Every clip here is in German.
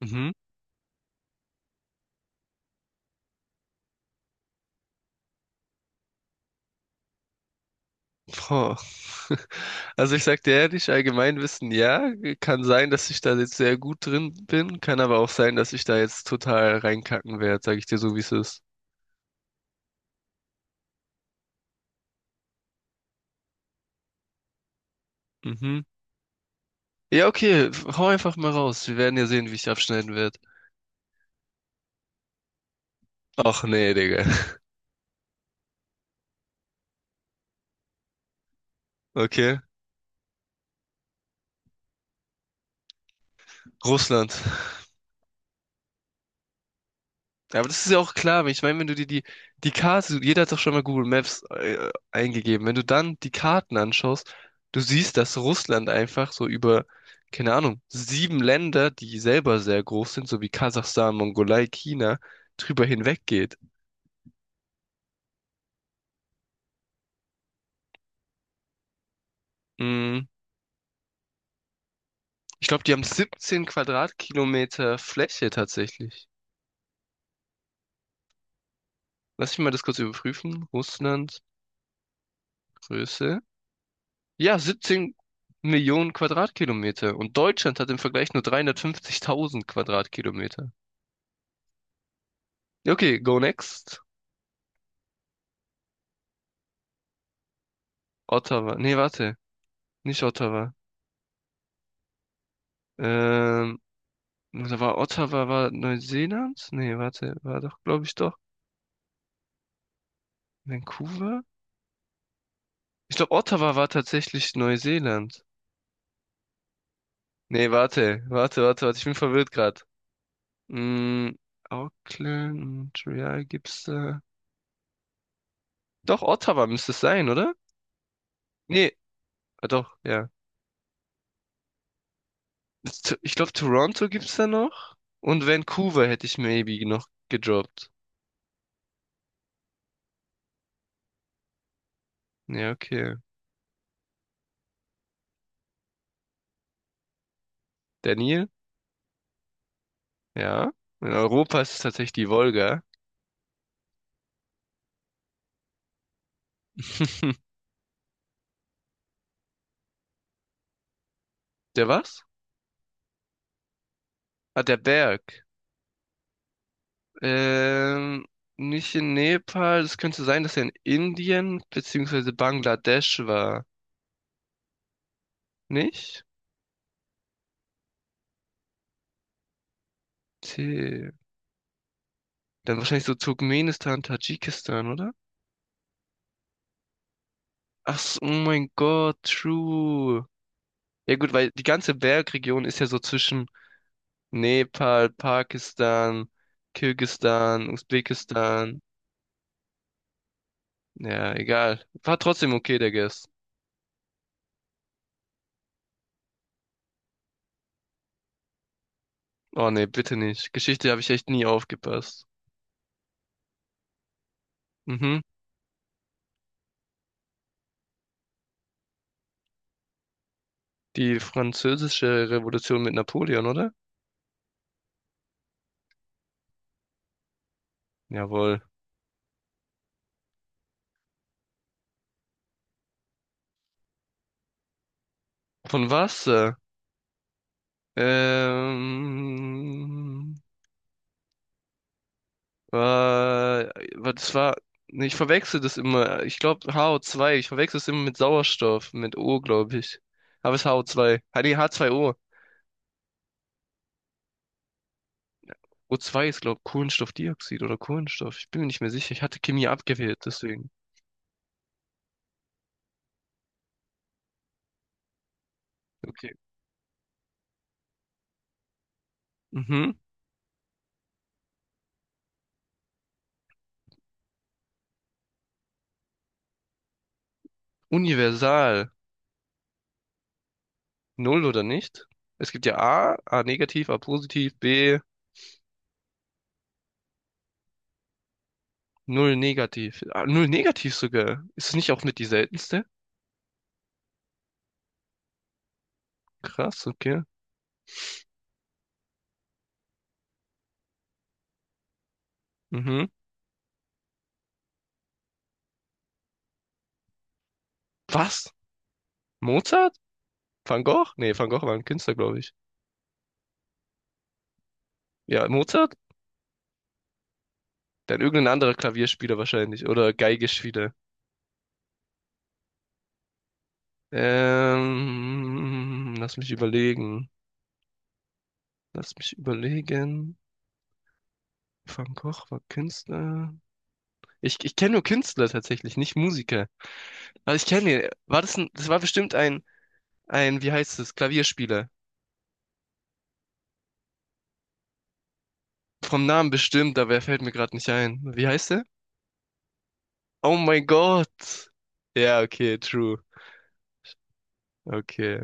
Mhm. Boah. Also ich sag dir ehrlich, Allgemeinwissen, ja, kann sein, dass ich da jetzt sehr gut drin bin, kann aber auch sein, dass ich da jetzt total reinkacken werde, sag ich dir so, wie es ist. Mhm. Ja, okay, hau einfach mal raus. Wir werden ja sehen, wie ich abschneiden werde. Ach nee, Digga. Okay. Russland. Ja, aber das ist ja auch klar. Ich meine, wenn du dir die, die Karte, jeder hat doch schon mal Google Maps eingegeben. Wenn du dann die Karten anschaust, du siehst, dass Russland einfach so über, keine Ahnung, sieben Länder, die selber sehr groß sind, so wie Kasachstan, Mongolei, China, drüber hinweggeht. Mm, Ich glaube, die haben 17 Quadratkilometer Fläche tatsächlich. Lass mich mal das kurz überprüfen. Russland, Größe. Ja, 17 Millionen Quadratkilometer. Und Deutschland hat im Vergleich nur 350.000 Quadratkilometer. Ja, okay, go next. Ottawa. Nee, warte. Nicht Ottawa. Ähm, Da war Ottawa war Neuseeland? Nee, warte. War doch, glaube ich, doch. Vancouver? Ich glaube, Ottawa war tatsächlich Neuseeland. Nee, warte. Warte, warte, warte. Ich bin verwirrt gerade. Mm. Auckland, Montreal gibt's da. Doch, Ottawa müsste es sein, oder? Nee, ah, doch, ja. Ich glaube, Toronto gibt's da noch. Und Vancouver hätte ich maybe noch gedroppt. Ja, okay. Daniel? Ja. In Europa ist es tatsächlich die Wolga. Der was? Ah, der Berg. Ähm, Nicht in Nepal. Es könnte sein, dass er in Indien beziehungsweise Bangladesch war. Nicht? Tee. Dann wahrscheinlich so Turkmenistan, Tadschikistan, oder? Ach, so, oh mein Gott, true. Ja gut, weil die ganze Bergregion ist ja so zwischen Nepal, Pakistan, Kirgisistan, Usbekistan. Ja, egal. War trotzdem okay, der Guess. Oh nee, bitte nicht. Geschichte habe ich echt nie aufgepasst. Mhm. Die französische Revolution mit Napoleon, oder? Jawohl. Von was? Ähm, Das war, nee, ich verwechsel das immer. Ich glaube HO2. Ich verwechsel es immer mit Sauerstoff, mit O, glaube ich. Aber es ist HO2. Ah, nee, H2O. O zwei ist, glaube ich, Kohlenstoffdioxid oder Kohlenstoff. Ich bin mir nicht mehr sicher. Ich hatte Chemie abgewählt, deswegen. Okay. Mhm. Universal. Null oder nicht? Es gibt ja A, A negativ, A positiv, B, null negativ. Ah, null negativ sogar. Ist es nicht auch mit die seltenste? Krass, okay. Mhm. Was? Mozart? Van Gogh? Nee, Van Gogh war ein Künstler, glaube ich. Ja, Mozart? Dann irgendein anderer Klavierspieler wahrscheinlich. Oder Geigespieler. Lass mich überlegen. Lass mich überlegen. Van Gogh war Künstler. Ich kenne nur Künstler tatsächlich, nicht Musiker. Aber ich kenne ihn. War das ein, das war bestimmt ein, wie heißt es, Klavierspieler. Vom Namen bestimmt, aber er fällt mir gerade nicht ein. Wie heißt er? Oh mein Gott. Ja, okay, true. Okay.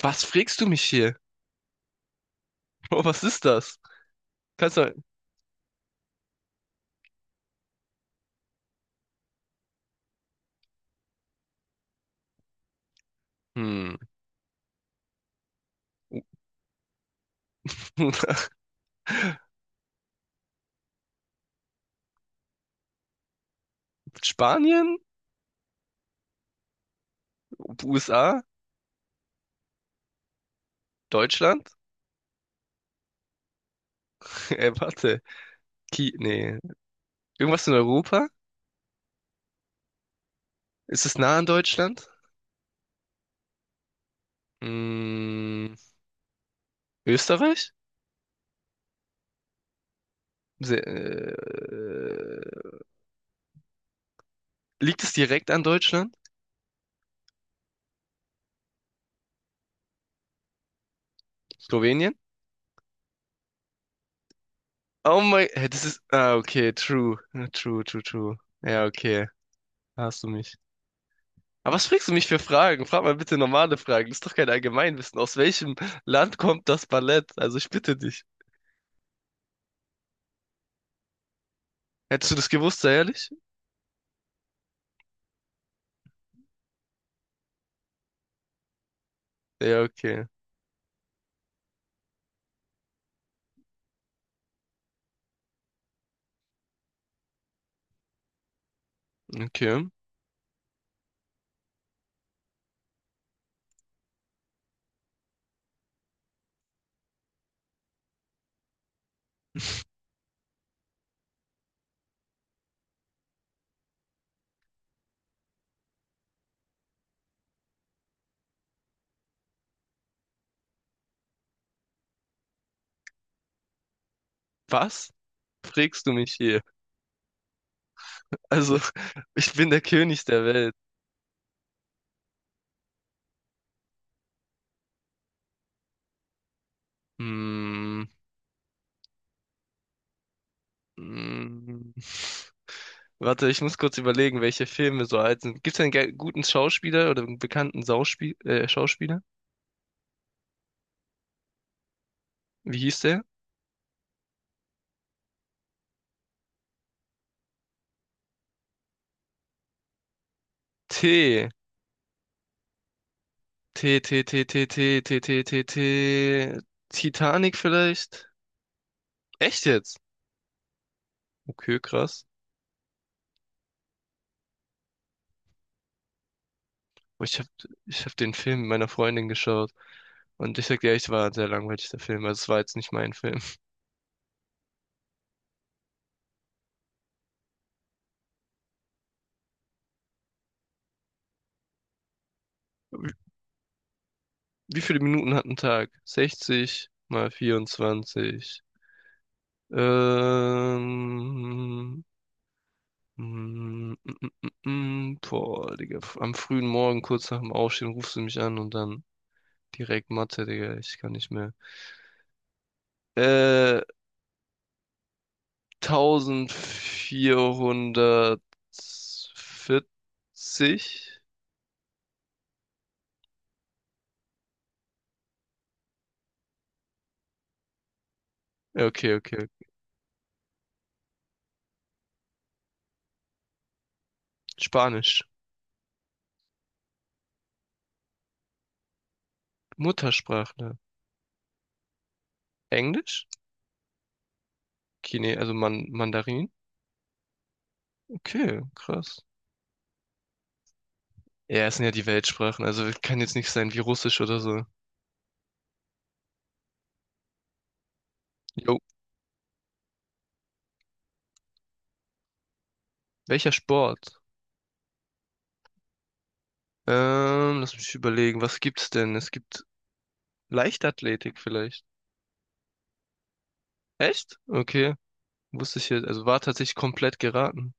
Was frägst du mich hier? Oh, was ist das? Kannst du. Hm. Spanien? USA? Deutschland? Warte. Ki nee. Irgendwas in Europa? Ist es nah an Deutschland? Mm, Österreich? Se Liegt es direkt an Deutschland? Slowenien? Oh mein, hä, das ist, ah, okay, true. Ja, true, true, true. Ja, okay, da hast du mich. Aber was fragst du mich für Fragen? Frag mal bitte normale Fragen. Das ist doch kein Allgemeinwissen. Aus welchem Land kommt das Ballett? Also ich bitte dich. Hättest du das gewusst, sei ehrlich? Ja, okay, okay. Was fragst du mich hier? Also, ich bin der König der Welt. Hm, hm. Warte, ich muss kurz überlegen, welche Filme so alt sind. Gibt's einen guten Schauspieler oder einen bekannten Sauspie Schauspieler? Wie hieß der? T. T, T, T, T, T, T, T, T, T. Titanic vielleicht? Echt jetzt? Okay, krass. Aber ich hab den Film mit meiner Freundin geschaut. Und ich sag dir, echt, war ein sehr langweilig, der Film. Also es war jetzt nicht mein Film. Wie viele Minuten hat ein Tag? 60 mal 24. Ähm, mm. Boah, Digga. Am frühen Morgen, kurz nach dem Aufstehen, rufst du mich an und dann direkt Mathe, Digga. Ich kann nicht mehr. Äh, 1440? Ja, okay, okay. Spanisch. Muttersprachler. Englisch? Chine, also Man Mandarin? Okay, krass. Ja, es sind ja die Weltsprachen, also kann jetzt nicht sein wie Russisch oder so. Jo. Welcher Sport? Lass mich überlegen, was gibt's denn? Es gibt Leichtathletik vielleicht. Echt? Okay. Wusste ich jetzt. Also war tatsächlich komplett geraten.